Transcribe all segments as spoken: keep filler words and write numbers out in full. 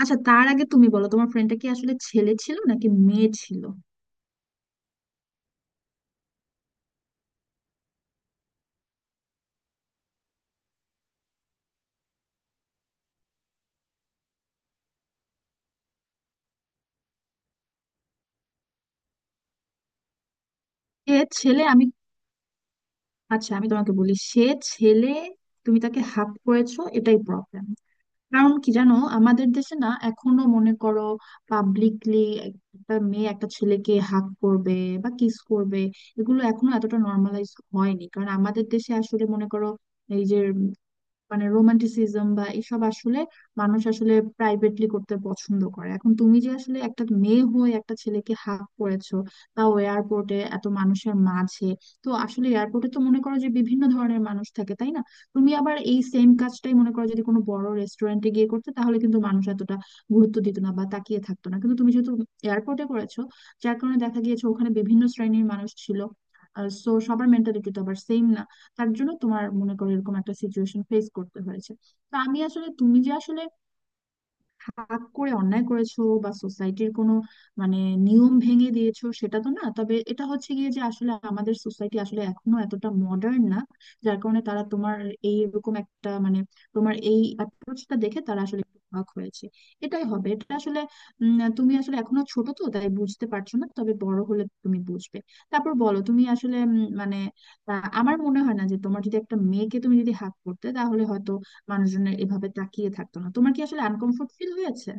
আচ্ছা, তার আগে তুমি বলো, তোমার ফ্রেন্ডটা কি আসলে ছেলে ছিল নাকি মেয়ে ছিল? সে ছেলে। আমি আচ্ছা, আমি তোমাকে বলি, সে ছেলে। তুমি তাকে হাত করেছো, এটাই প্রবলেম। কারণ কি জানো, আমাদের দেশে না এখনো মনে করো পাবলিকলি একটা মেয়ে একটা ছেলেকে হাত করবে বা কিস করবে, এগুলো এখনো এতটা নর্মালাইজ হয়নি। কারণ আমাদের দেশে আসলে মনে করো এই যে মানে রোমান্টিসিজম বা এসব আসলে মানুষ আসলে প্রাইভেটলি করতে পছন্দ করে। এখন তুমি যে আসলে একটা মেয়ে হয়ে একটা ছেলেকে হাত করেছো, তাও এয়ারপোর্টে এত মানুষের মাঝে, তো আসলে এয়ারপোর্টে তো মনে করো যে বিভিন্ন ধরনের মানুষ থাকে, তাই না? তুমি আবার এই সেম কাজটাই মনে করো যদি কোনো বড় রেস্টুরেন্টে গিয়ে করতে, তাহলে কিন্তু মানুষ এতটা গুরুত্ব দিত না বা তাকিয়ে থাকতো না, কিন্তু তুমি যেহেতু এয়ারপোর্টে করেছো, যার কারণে দেখা গিয়েছে ওখানে বিভিন্ন শ্রেণীর মানুষ ছিল। সো সবার মেন্টালিটি তো আবার সেম না, তার জন্য তোমার মনে করো এরকম একটা সিচুয়েশন ফেস করতে হয়েছে। তো আমি আসলে তুমি যে আসলে হাত করে অন্যায় করেছো বা সোসাইটির কোনো মানে নিয়ম ভেঙে দিয়েছো, সেটা তো না। তবে এটা হচ্ছে গিয়ে যে আসলে আমাদের সোসাইটি আসলে এখনো এতটা মডার্ন না, যার কারণে তারা তোমার এই এরকম একটা মানে তোমার এই অ্যাপ্রোচটা দেখে তারা আসলে একটু অবাক হয়েছে। এটাই হবে, এটা আসলে উম, তুমি আসলে এখনো ছোট তো, তাই বুঝতে পারছো না, তবে বড় হলে তুমি বুঝবে। তারপর বলো, তুমি আসলে উম, মানে আহ, আমার মনে হয় না যে তোমার যদি একটা মেয়েকে তুমি যদি হাত করতে তাহলে মানুষজনের এভাবে তাকিয়ে থাকতো না। তোমার কি আসলে আনকমফোর্ট ফিল হয়েছে?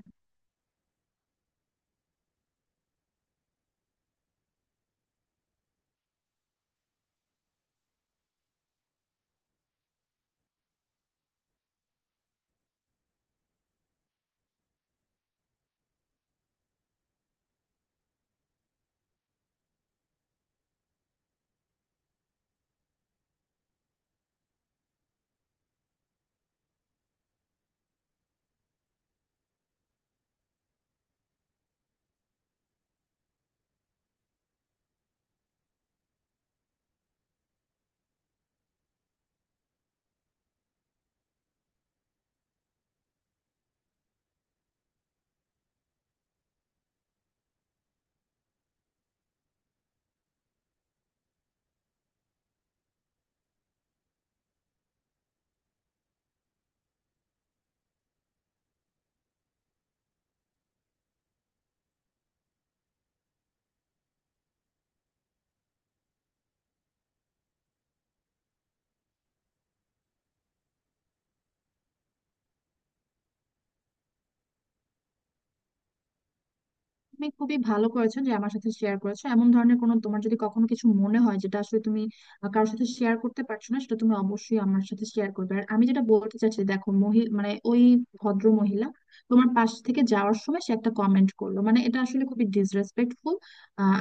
তুমি খুবই ভালো করেছো যে আমার সাথে শেয়ার করেছো। এমন ধরনের কোনো তোমার যদি কখনো কিছু মনে হয় যেটা আসলে তুমি আহ, কারোর সাথে শেয়ার করতে পারছো না, সেটা তুমি অবশ্যই আমার সাথে শেয়ার করবে। আর আমি যেটা বলতে চাচ্ছি, দেখো মহি মানে ওই ভদ্র মহিলা তোমার পাশ থেকে যাওয়ার সময় সে একটা কমেন্ট করলো, মানে এটা আসলে খুবই ডিসরেসপেক্টফুল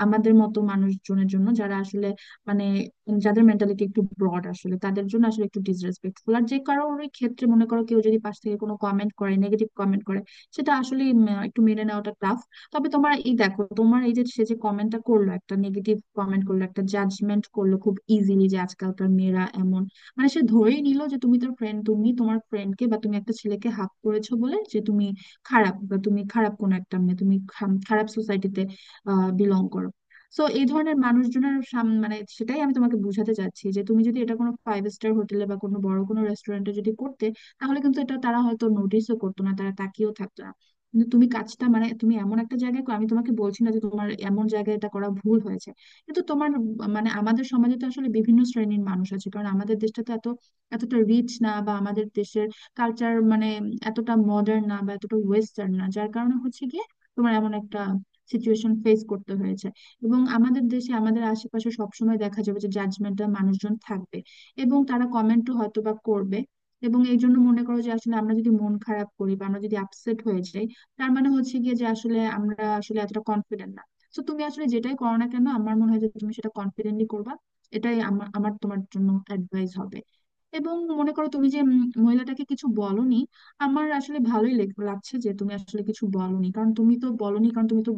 আমাদের মতো মানুষজনের জন্য যারা আসলে মানে যাদের মেন্টালিটি একটু ব্রড আসলে, তাদের জন্য আসলে একটু ডিসরেসপেক্টফুল। আর যে কারোর ওই ক্ষেত্রে মনে করো কেউ যদি পাশ থেকে কোনো কমেন্ট করে, নেগেটিভ কমেন্ট করে, সেটা আসলে একটু মেনে নেওয়াটা টাফ। তবে তোমার এই দেখো, তোমার এই যে সে যে কমেন্টটা করলো, একটা নেগেটিভ কমেন্ট করলো, একটা জাজমেন্ট করলো খুব ইজিলি যে আজকালকার মেয়েরা এমন, মানে সে ধরেই নিল যে তুমি তোর ফ্রেন্ড তুমি তোমার ফ্রেন্ডকে বা তুমি একটা ছেলেকে হাত করেছো বলে যে তুমি খারাপ বা তুমি খারাপ কোন একটা মেয়ে, তুমি খাম- খারাপ সোসাইটিতে বিলং করো। তো এই ধরনের মানুষজনের সাম মানে সেটাই আমি তোমাকে বুঝাতে চাচ্ছি যে তুমি যদি এটা কোনো ফাইভ স্টার হোটেলে বা কোনো বড় কোনো রেস্টুরেন্টে যদি করতে, তাহলে কিন্তু এটা তারা হয়তো নোটিশও করতো না, তারা তাকিয়েও থাকতো। কিন্তু তুমি কাজটা মানে তুমি এমন একটা জায়গায় কর- আমি তোমাকে বলছি না যে তোমার এমন জায়গায় এটা করা ভুল হয়েছে, কিন্তু তোমার উম মানে আমাদের সমাজে তো আসলে বিভিন্ন শ্রেণীর মানুষ আছে, কারণ আমাদের দেশটা তো এত এতটা রিচ না, বা আমাদের দেশের কালচার মানে এতটা মডার্ন না বা এতটা ওয়েস্টার্ন না, যার কারণে হচ্ছে গিয়ে তোমার এমন একটা সিচুয়েশন ফেস করতে হয়েছে। এবং আমাদের দেশে আমাদের আশেপাশে সবসময় দেখা যাবে যে জাজমেন্টাল মানুষজন থাকবে এবং তারা কমেন্টও হয়তো বা করবে। এবং এই জন্য মনে করো যে আসলে আমরা যদি মন খারাপ করি বা আমরা যদি আপসেট হয়ে যাই, তার মানে হচ্ছে গিয়ে যে আসলে আমরা আসলে এতটা কনফিডেন্ট না। তো তুমি আসলে যেটাই করো না কেন, আমার মনে হয় যে তুমি সেটা কনফিডেন্টলি করবা। এটাই আমার আমার তোমার জন্য অ্যাডভাইস হবে। এবং মনে করো তুমি যে উম, মহিলাটাকে কিছু বলনি, আমার আসলে ভালোই লেগ- লাগছে যে তুমি আসলে কিছু বলনি। কারণ তুমি তো বলনি কারণ তুমি তো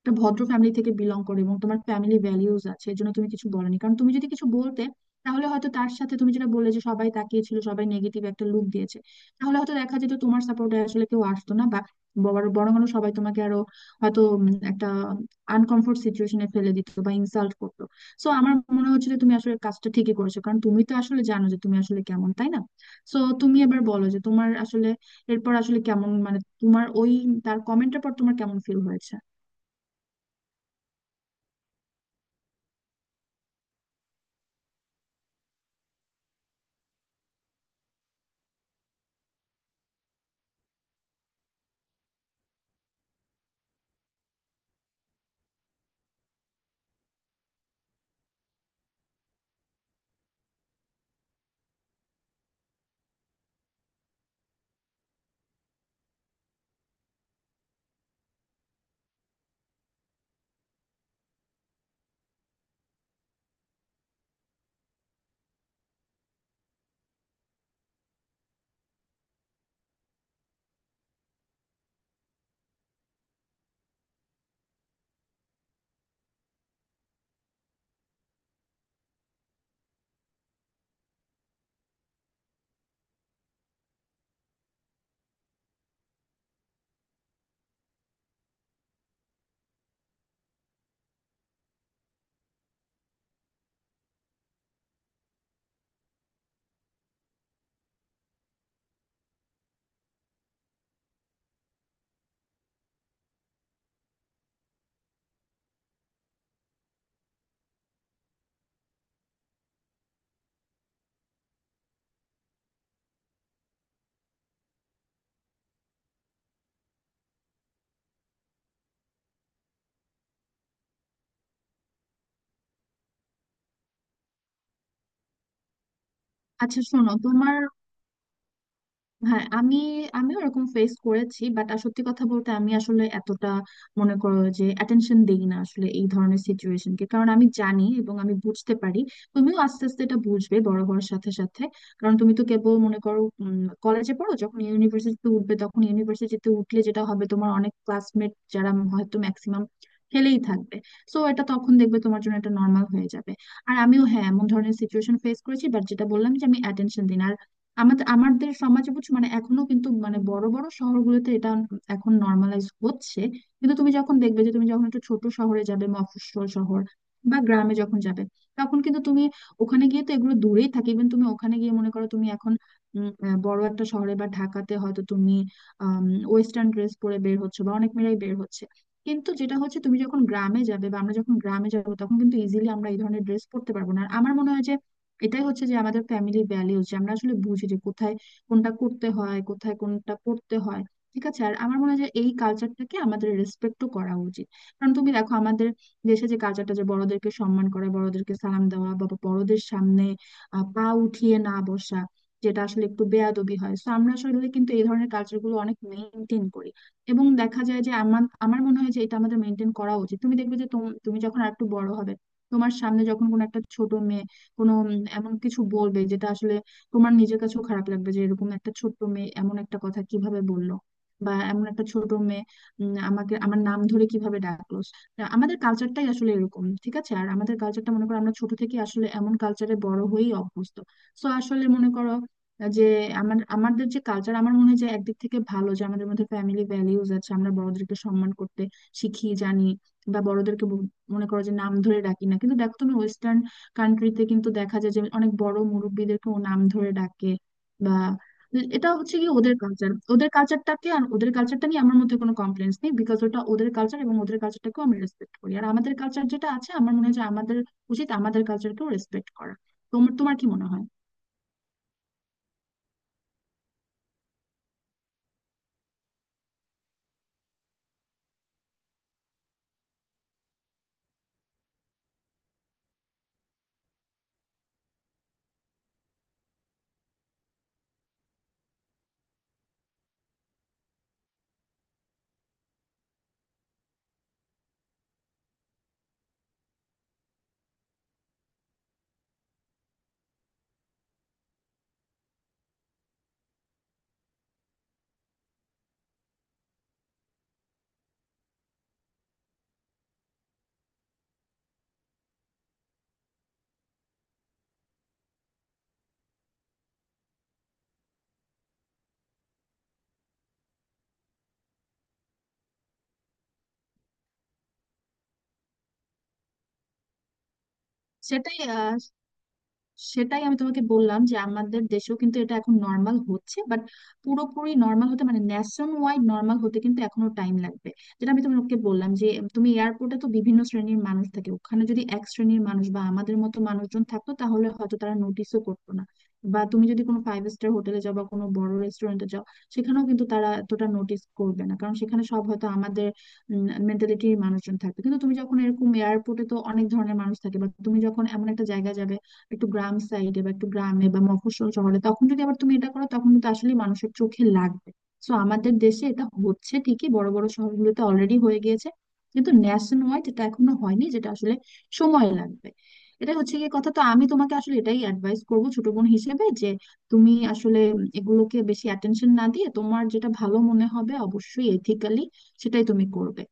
একটা ভদ্র ফ্যামিলি থেকে বিলং করে এবং তোমার ফ্যামিলি ভ্যালিউজ আছে, এর জন্য তুমি কিছু বলনি। কারণ তুমি যদি কিছু বলতে, তাহলে হয়তো তার সাথে তুমি যেটা বললে যে সবাই তাকিয়েছিল, সবাই নেগেটিভ একটা লুক দিয়েছে, তাহলে হয়তো দেখা যেত তোমার সাপোর্টে আসলে কেউ আসতো না, বা বড়- বরং আরো সবাই তোমাকে আরো হয়তো উম, একটা আনকমফোর্ট সিচুয়েশনে ফেলে দিত বা ইনসাল্ট করতো। সো আমার মনে হচ্ছে যে তুমি আসলে কাজটা ঠিকই করেছো, কারণ তুমি তো আসলে জানো যে তুমি আসলে কেমন, তাই না? সো তুমি এবার বলো যে তোমার আসলে এরপর আসলে কেমন মানে তোমার ওই তার কমেন্টের পর তোমার কেমন ফিল হয়েছে? আচ্ছা শোনো, তোমার হ্যাঁ আমি, আমি ওরকম ফেস করেছি, বাট সত্যি কথা বলতে আমি আসলে এতটা মনে করো যে অ্যাটেনশন দেই না আসলে এই ধরনের সিচুয়েশনকে, কারণ আমি জানি এবং আমি বুঝতে পারি। তুমিও আস্তে আস্তে এটা বুঝবে বড় হওয়ার সাথে সাথে। কারণ তুমি তো কেবল মনে করো কলেজে পড়ো, যখন ইউনিভার্সিটিতে উঠবে, তখন ইউনিভার্সিটিতে উঠলে যেটা হবে তোমার অনেক ক্লাসমেট যারা হয়তো ম্যাক্সিমাম ফেলেই থাকবে। সো এটা তখন দেখবে তোমার জন্য এটা নর্মাল হয়ে যাবে। আর আমিও হ্যাঁ, এমন ধরনের সিচুয়েশন ফেস করেছি, বাট যেটা বললাম যে আমি অ্যাটেনশন দিই না। আমাদের আমাদের সমাজে বুঝছো, মানে এখনো কিন্তু মানে বড় বড় শহরগুলোতে এটা এখন নর্মালাইজ হচ্ছে। কিন্তু তুমি যখন দেখবে যে তুমি যখন একটু ছোট শহরে যাবে, মফস্বল শহর বা গ্রামে যখন যাবে, তখন কিন্তু তুমি ওখানে গিয়ে তো এগুলো দূরেই থাকে। ইভেন তুমি ওখানে গিয়ে মনে করো তুমি এখন উম, আহ, বড় একটা শহরে বা ঢাকাতে হয়তো তুমি ওয়েস্টার্ন ড্রেস পরে বের হচ্ছে বা অনেক মেয়েরাই বের হচ্ছে, কিন্তু যেটা হচ্ছে তুমি যখন গ্রামে যাবে বা আমরা যখন গ্রামে যাবো, তখন কিন্তু ইজিলি আমরা এই ধরনের ড্রেস পরতে পারবো না। আর আমার মনে হয় যে এটাই হচ্ছে যে আমাদের ফ্যামিলি ভ্যালিউজ, যে আমরা আসলে বুঝি যে কোথায় কোনটা করতে হয়, কোথায় কোনটা করতে হয়। ঠিক আছে? আর আমার মনে হয় যে এই কালচারটাকে আমাদের রেসপেক্টও করা উচিত। কারণ তুমি দেখো আমাদের দেশে যে কালচারটা, যে বড়দেরকে সম্মান করা, বড়দেরকে সালাম দেওয়া, বা বড়দের সামনে আহ, পা উঠিয়ে না বসা, যেটা আসলে একটু বেয়াদবি হয়, তো আমরা আসলে কিন্তু এই ধরনের কালচারগুলো অনেক মেনটেন করি। এবং দেখা যায় যে আমার আমার মনে হয় যে এটা আমাদের মেনটেন করা উচিত। তুমি দেখবে যে তোম- তুমি যখন আর একটু বড় হবে, তোমার সামনে যখন কোনো একটা ছোট মেয়ে কোনো উম, এমন কিছু বলবে যেটা আসলে তোমার নিজের কাছেও খারাপ লাগবে যে এরকম একটা ছোট্ট মেয়ে এমন একটা কথা কিভাবে বললো, বা এমন একটা ছোট মেয়ে উম, আমাকে আমার নাম ধরে কিভাবে ডাকলো। তা আমাদের কালচারটাই আসলে এরকম, ঠিক আছে? আর আমাদের কালচারটা মনে করো আমরা ছোট থেকে আসলে এমন কালচারে বড় হয়েই অভ্যস্ত। সো আসলে মনে করো যে আমার আমাদের যে কালচার, আমার মনে হয় যে একদিক থেকে ভালো যে আমাদের মধ্যে ফ্যামিলি ভ্যালিউজ আছে, আমরা বড়দেরকে সম্মান করতে শিখি, জানি, বা বড়দেরকে ব- মনে করো যে নাম ধরে ডাকি না। কিন্তু দেখো তুমি ওয়েস্টার্ন কান্ট্রিতে কিন্তু দেখা যায় যে অনেক বড় মুরব্বিদেরকেও নাম ধরে ডাকে বা এটা হচ্ছে কি ওদের কালচার। ওদের কালচারটাকে আর ওদের কালচারটা নিয়ে আমার মধ্যে কোনো কমপ্লেন্স নেই, বিকজ ওটা ওদের কালচার এবং ওদের কালচারটাকেও আমি রেসপেক্ট করি। আর আমাদের কালচার যেটা আছে, আমার মনে হয় যে আমাদের উচিত আমাদের কালচারকেও রেসপেক্ট করা। তোমার তোমার কি মনে হয়? সেটাই সেটাই আমি তোমাকে বললাম যে আমাদের দেশেও কিন্তু এটা এখন নর্মাল হচ্ছে, বাট পুরোপুরি নর্মাল হতে মানে ন্যাশন ওয়াইড নর্মাল হতে কিন্তু এখনো টাইম লাগবে। যেটা আমি তোমাকে বললাম যে তুমি এয়ারপোর্টে তো বিভিন্ন শ্রেণীর মানুষ থাকে, ওখানে যদি এক শ্রেণীর মানুষ বা আমাদের মতো মানুষজন থাকতো তাহলে হয়তো তারা নোটিশও করতো না। বা তুমি যদি কোনো ফাইভ স্টার হোটেলে যাও বা কোনো বড় রেস্টুরেন্টে যাও, সেখানেও কিন্তু তারা এতটা নোটিস করবে না, কারণ সেখানে সব হয়তো আমাদের মেন্টালিটির মানুষজন থাকবে। কিন্তু তুমি যখন এরকম এয়ারপোর্টে তো অনেক ধরনের মানুষ থাকে, বা তুমি যখন এমন একটা জায়গায় যাবে একটু গ্রাম সাইডে বা একটু গ্রামে বা মফস্বল শহরে, তখন যদি আবার তুমি এটা করো তখন কিন্তু আসলে মানুষের চোখে লাগবে। তো আমাদের দেশে এটা হচ্ছে ঠিকই বড় বড় শহরগুলোতে অলরেডি হয়ে গিয়েছে, কিন্তু ন্যাশন ওয়াইড এটা এখনো হয়নি, যেটা আসলে সময় লাগবে। এটা হচ্ছে গিয়ে কথা। তো আমি তোমাকে আসলে এটাই অ্যাডভাইস করবো ছোট বোন হিসেবে যে তুমি আসলে এগুলোকে বেশি অ্যাটেনশন না দিয়ে তোমার যেটা ভালো মনে হবে, অবশ্যই এথিক্যালি, সেটাই তুমি করবে।